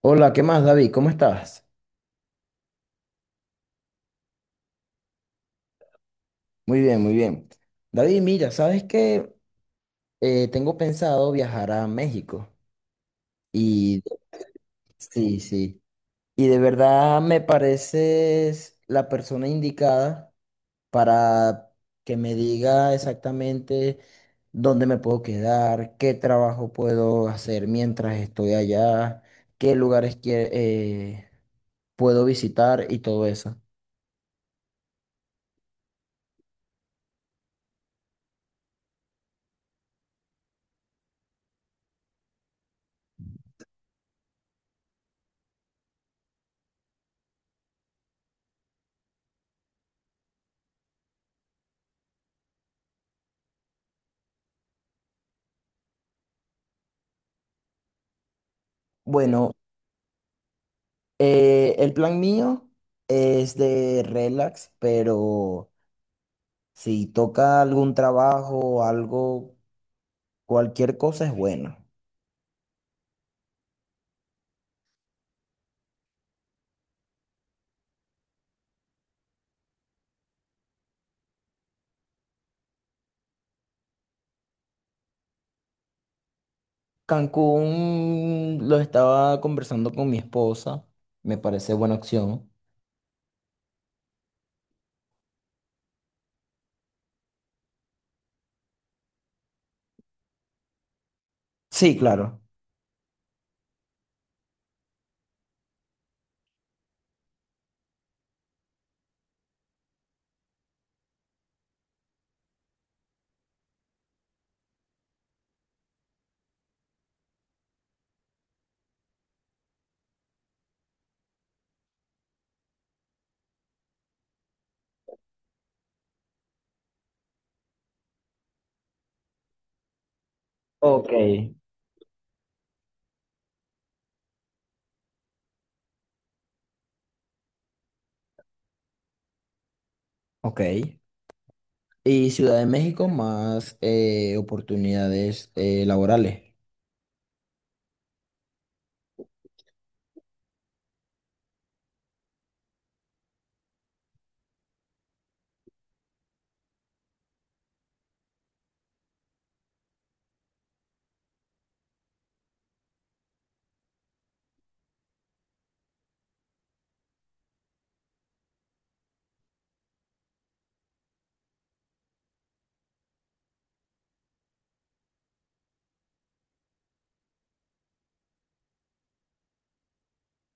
Hola, ¿qué más, David? ¿Cómo estás? Muy bien, muy bien. David, mira, ¿sabes qué? Tengo pensado viajar a México y sí, sí. Y de verdad me pareces la persona indicada para que me diga exactamente dónde me puedo quedar, qué trabajo puedo hacer mientras estoy allá, qué lugares que, puedo visitar y todo eso. Bueno, el plan mío es de relax, pero si toca algún trabajo, algo, cualquier cosa es bueno. Cancún lo estaba conversando con mi esposa, me parece buena opción. Sí, claro. Ok. Ok. Y Ciudad de México más oportunidades laborales.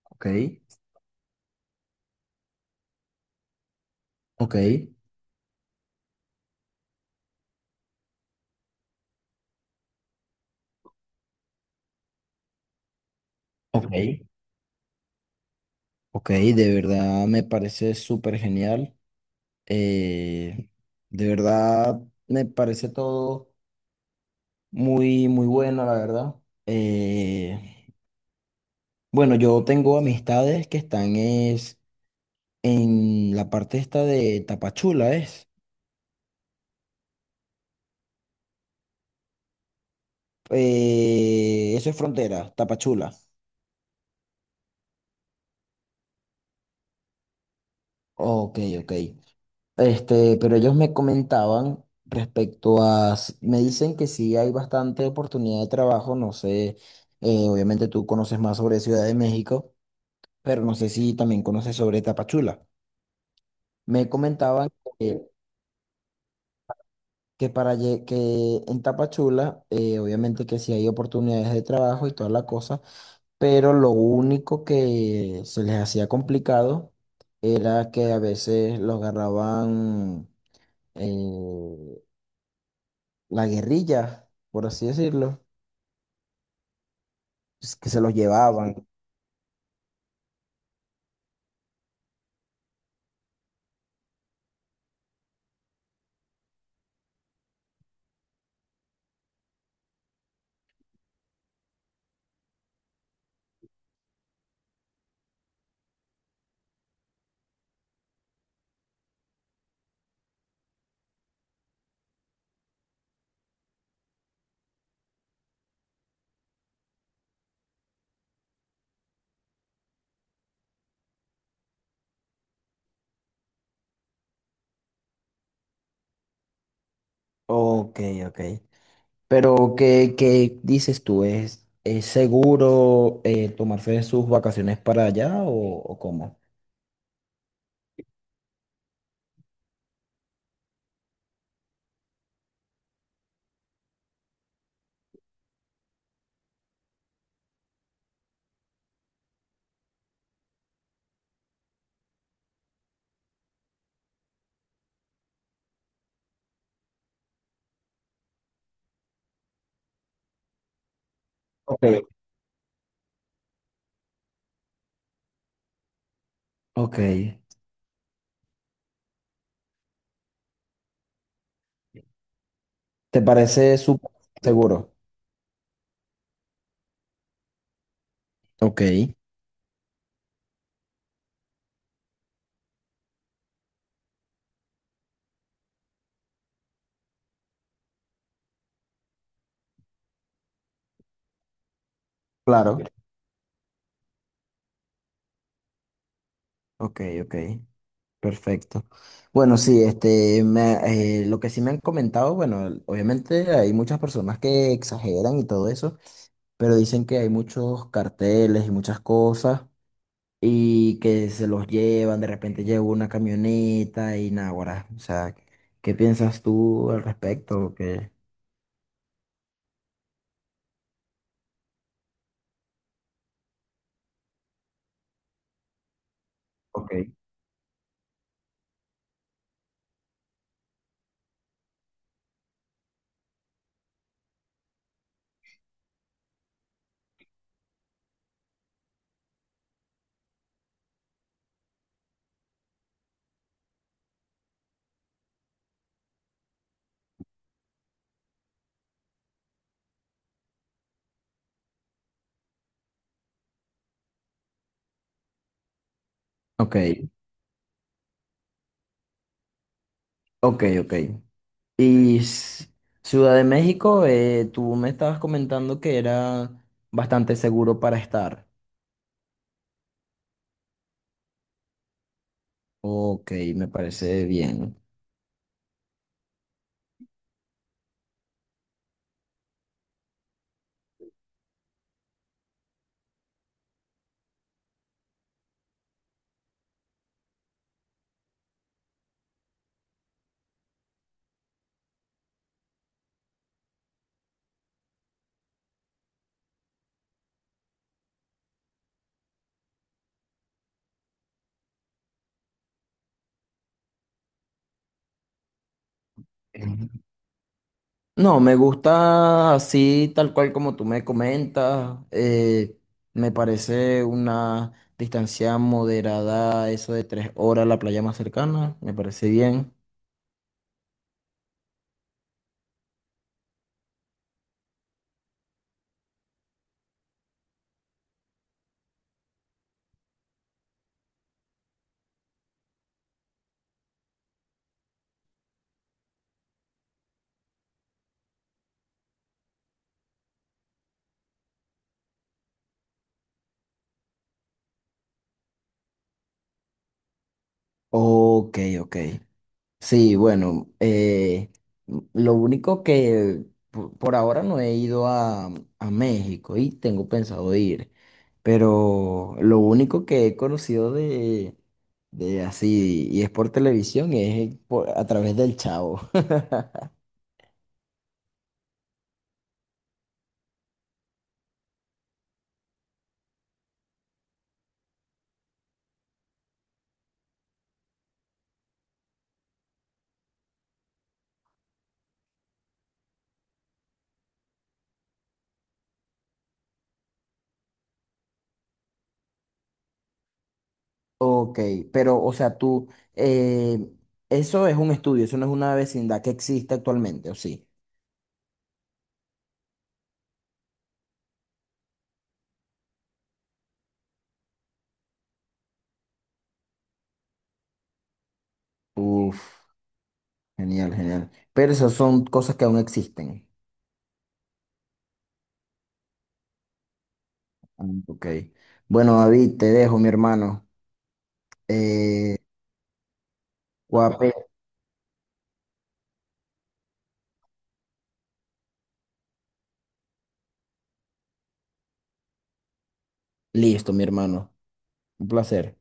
Ok. Ok. Ok. Ok. De verdad me parece súper genial. Eh, de verdad, me parece todo muy, muy bueno, la verdad. Eh, bueno, yo tengo amistades que están es, en la parte esta de Tapachula, ¿es? Eso es frontera, Tapachula. Ok, ok. Este, pero ellos me comentaban respecto a, me dicen que sí hay bastante oportunidad de trabajo, no sé, obviamente tú conoces más sobre Ciudad de México, pero no sé si también conoces sobre Tapachula. Me comentaban que, que para que en Tapachula, obviamente que sí hay oportunidades de trabajo y toda la cosa, pero lo único que se les hacía complicado era que a veces los agarraban eh, la guerrilla, por así decirlo, es que se los llevaban. Ok, ok. Pero, ¿qué, qué dices tú? Es seguro tomarse sus vacaciones para allá o cómo? Ok, ok. ¿Te parece súper seguro? Ok, claro. Ok. Ok, ok. Perfecto. Bueno, sí, este, lo que sí me han comentado, bueno, obviamente hay muchas personas que exageran y todo eso, pero dicen que hay muchos carteles y muchas cosas y que se los llevan, de repente llega una camioneta y nada, guará. O sea, ¿qué piensas tú al respecto? ¿Qué? Ok. Ok, ok, ok. Y Ciudad de México, tú me estabas comentando que era bastante seguro para estar. Ok, me parece bien. Em, No, me gusta así, tal cual como tú me comentas. Me parece una distancia moderada, eso de 3 horas a la playa más cercana. Me parece bien. Ok, ok. Sí, bueno, lo único que por ahora no he ido a México y tengo pensado ir, pero lo único que he conocido de así, y es por televisión, es a través del Chavo. Ok, pero o sea, tú, eh, eso es un estudio, eso no es una vecindad que existe actualmente, ¿o sí? Uf, genial, genial. Pero esas son cosas que aún existen. Ah, ok. Bueno, David, te dejo, mi hermano. Eh, guape, listo, mi hermano. Un placer.